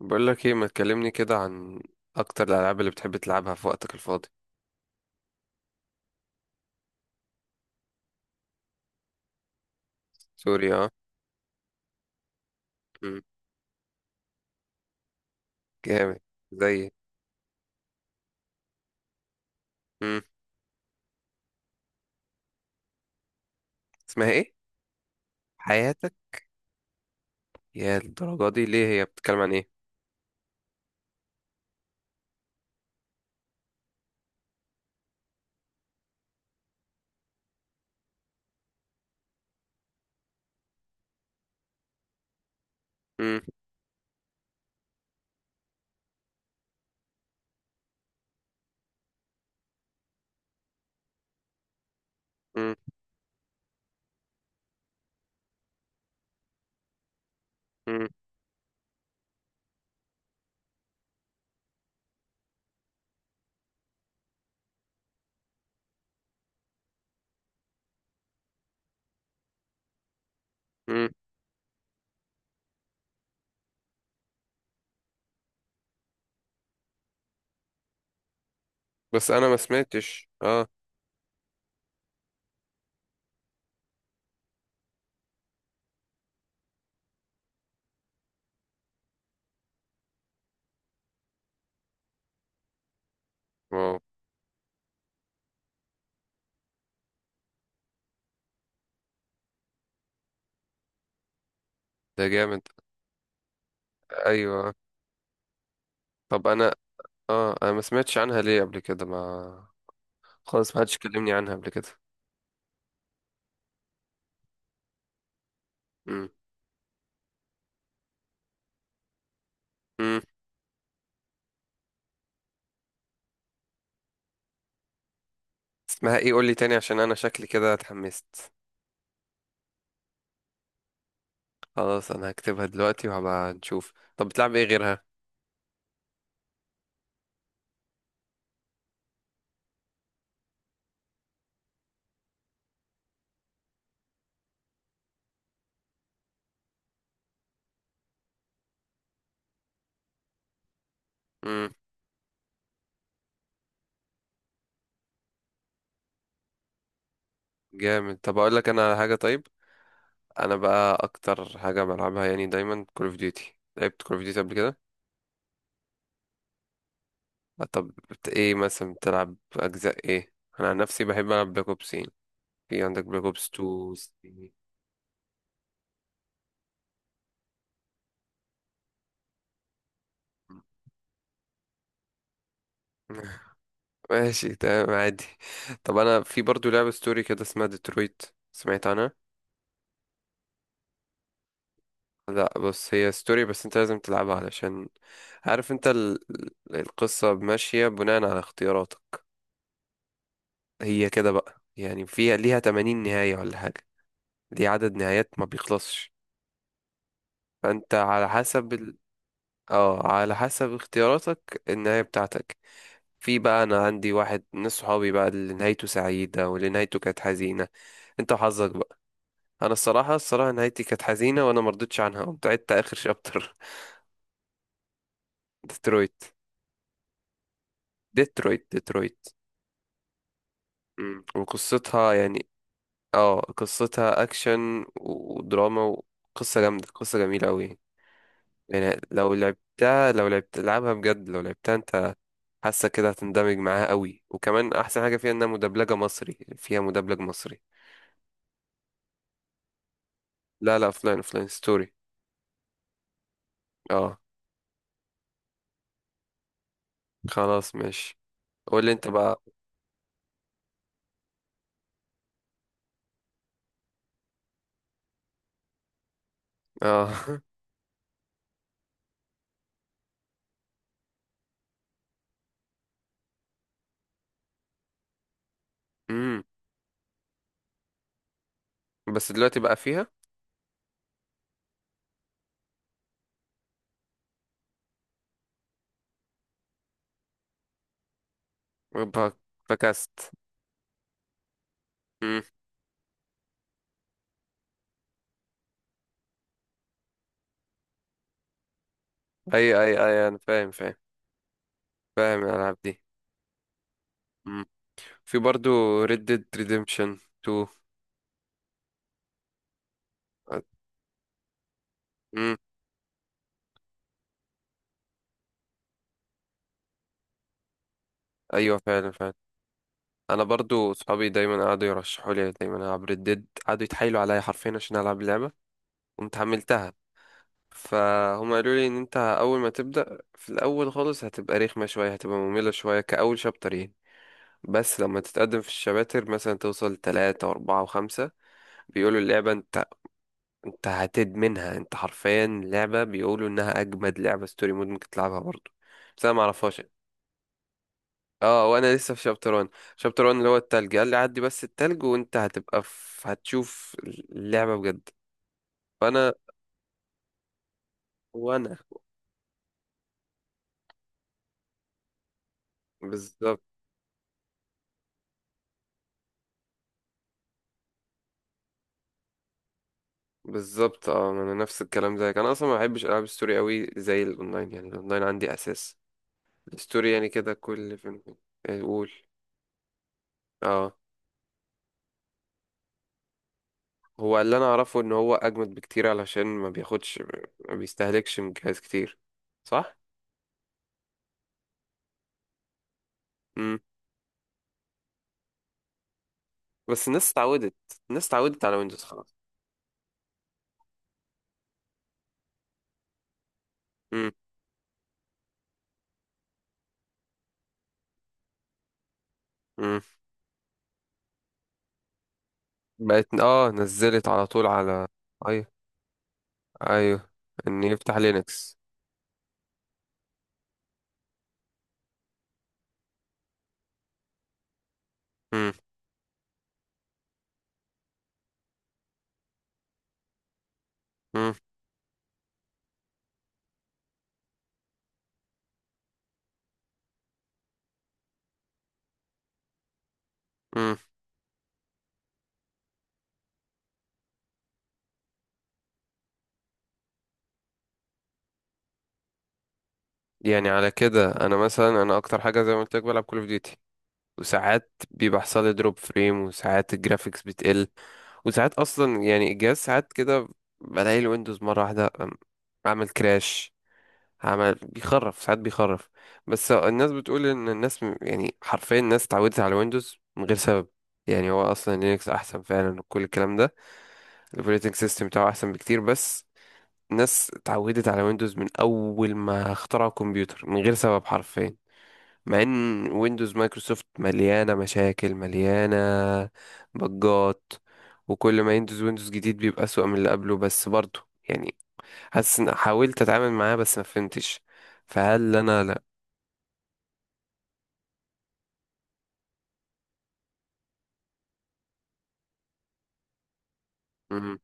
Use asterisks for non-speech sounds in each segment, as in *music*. بقول لك ايه؟ ما تكلمني كده عن اكتر الالعاب اللي بتحب تلعبها في وقتك الفاضي. سوري، اه. مم. جامد. زي. مم. اسمها ايه؟ حياتك؟ يا الدرجه دي، ليه هي بتتكلم عن ايه؟ مم. مم. مم. مم. بس انا ما سمعتش، اه. واو. ده جامد. ايوه. طب انا ما سمعتش عنها ليه قبل كده؟ ما خالص، ما حدش كلمني عنها قبل كده. مم. مم. اسمها ايه؟ قول لي تاني عشان انا شكلي كده اتحمست. خلاص، انا هكتبها دلوقتي وهبقى نشوف. طب بتلعب ايه غيرها؟ جامد. طب اقول لك انا على حاجه، طيب؟ انا بقى اكتر حاجه بلعبها يعني دايما كول اوف ديوتي. لعبت كول اوف ديوتي قبل كده. طب ايه مثلا بتلعب اجزاء ايه؟ انا عن نفسي بحب العب بلاك اوبس يعني. في عندك بلاك اوبس 2 3. *laughs* ماشي، تمام، عادي. طب انا في برضو لعبه ستوري كده اسمها ديترويت. سمعت عنها؟ لا، بص، هي ستوري بس انت لازم تلعبها علشان عارف انت القصه ماشيه بناء على اختياراتك. هي كده بقى، يعني فيها ليها 80 نهايه ولا حاجه. دي عدد نهايات ما بيخلصش. فانت على حسب اه، على حسب اختياراتك النهاية بتاعتك. في بقى انا عندي واحد من صحابي بقى اللي نهايته سعيدة واللي نهايته كانت حزينة. انت وحظك بقى. انا الصراحة، الصراحة نهايتي كانت حزينة وانا مرضتش عنها، قمت عدت اخر شابتر. *laughs* ديترويت. ديترويت. ديترويت. *laughs* مم. وقصتها يعني، اه، قصتها اكشن ودراما وقصة جامدة، قصة جميلة قوي. يعني لو لعبتها، لو لعبت لعبها بجد، لو لعبتها انت حاسه كده هتندمج معاها قوي. وكمان احسن حاجه فيها انها مدبلجه مصري، فيها مدبلج مصري. لا لا، فلاين ستوري. اه. خلاص ماشي. قول لي انت بقى. اه. *laughs* امم. بس دلوقتي بقى فيها. ب- فكست. امم. اي اي اي، انا فاهم، فاهم. فاهم الالعاب دي. امم. في برضو Red Dead Redemption 2. امم. ايوه، فعلا، فعلا. انا برضو صحابي دايما قعدوا يرشحوا لي دايما العب Red Dead، قعدوا يتحايلوا عليا حرفيا عشان العب اللعبه. قمت حملتها. فهم قالوا لي ان انت اول ما تبدا في الاول خالص هتبقى رخمه شويه، هتبقى ممله شويه، كاول شابتر يعني. بس لما تتقدم في الشباتر مثلا توصل تلاتة وأربعة وخمسة بيقولوا اللعبة انت، انت هتدمنها. انت حرفيا لعبة بيقولوا انها أجمد لعبة ستوري مود ممكن تلعبها برضه. بس أنا معرفهاش. اه، وأنا لسه في شابتر 1 اللي هو التلج. قال لي عدي بس التلج وانت هتبقى في... هتشوف اللعبة بجد. فأنا وأنا بالظبط. بالظبط. اه، ما انا نفس الكلام زيك. انا اصلا ما بحبش العاب الستوري قوي زي الاونلاين. يعني الاونلاين عندي اساس، الستوري يعني كده كل فين وفين. يعني قول. اه. هو اللي انا اعرفه ان هو اجمد بكتير علشان ما بياخدش، ما بيستهلكش من جهاز كتير. صح. امم. بس الناس اتعودت. الناس اتعودت على ويندوز خلاص. امم. امم. بقت، اه، نزلت على طول على. ايوه. ايوه. ان يفتح لينكس. امم. امم. امم. يعني على كده انا مثلا، انا اكتر حاجه زي ما قلت لك بلعب كول اوف ديوتي، وساعات بيبقى حصل لي دروب فريم وساعات الجرافيكس بتقل، وساعات اصلا يعني الجهاز ساعات كده بلاقي الويندوز مره واحده، عمل كراش، عمل بيخرف، ساعات بيخرف. بس الناس بتقول ان الناس يعني حرفيا الناس اتعودت على الويندوز من غير سبب. يعني هو اصلا لينكس احسن فعلا وكل الكلام ده. الاوبريتنج سيستم بتاعه احسن بكتير. بس الناس اتعودت على ويندوز من اول ما اخترعوا الكمبيوتر من غير سبب حرفيا. مع ان ويندوز مايكروسوفت مليانة مشاكل، مليانة بجات. وكل ما يندوز جديد بيبقى أسوأ من اللي قبله. بس برضه يعني حاسس ان حاولت اتعامل معاه بس ما فهمتش. فهل انا لا. مم.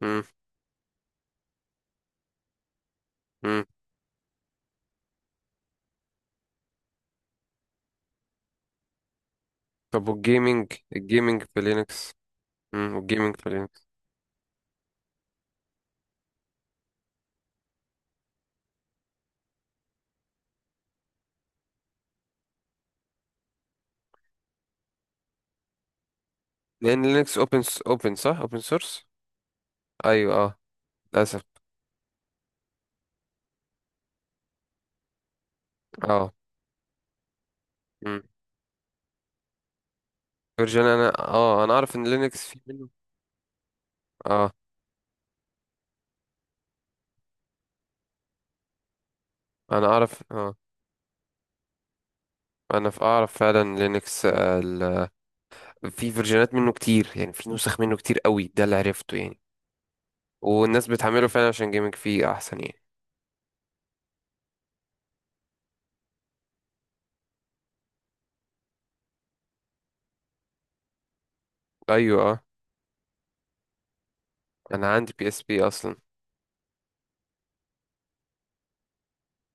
مم. مم. طب والجيمنج، الجيمنج في لينكس. مم. والجيمنج في لينكس. لان لينكس اوبن صح، اوبن سورس. ايوه، اه. للاسف. اه. مم. فيرجن، انا، اه، انا اعرف ان لينكس في منه. اه، انا اعرف. اه. انا في اعرف فعلا لينكس. في فيرجنات منه كتير، يعني في نسخ منه كتير قوي ده اللي عرفته يعني. والناس بتحمله فعلا عشان جيمنج فيه احسن يعني. ايوه، اه. انا عندي بي اس بي اصلا.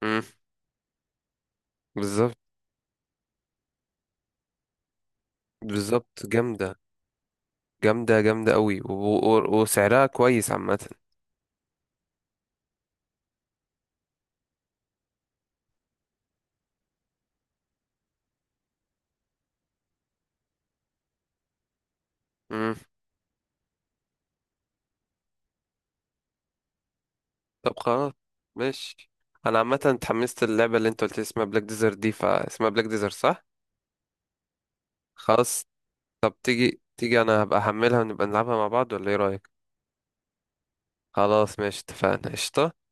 امم. بالظبط. بالظبط، جامده، جامده، جامده قوي وسعرها كويس عامه. امم. طب خلاص، ماشي. انا عامه اتحمست، اللعبه اللي انت قلت لي اسمها بلاك ديزر دي، فاسمها بلاك ديزر صح؟ خلاص. طب تيجي، تيجي، انا هبقى احملها ونبقى نلعبها مع بعض ولا ايه رايك؟ خلاص ماشي، اتفقنا قشطة.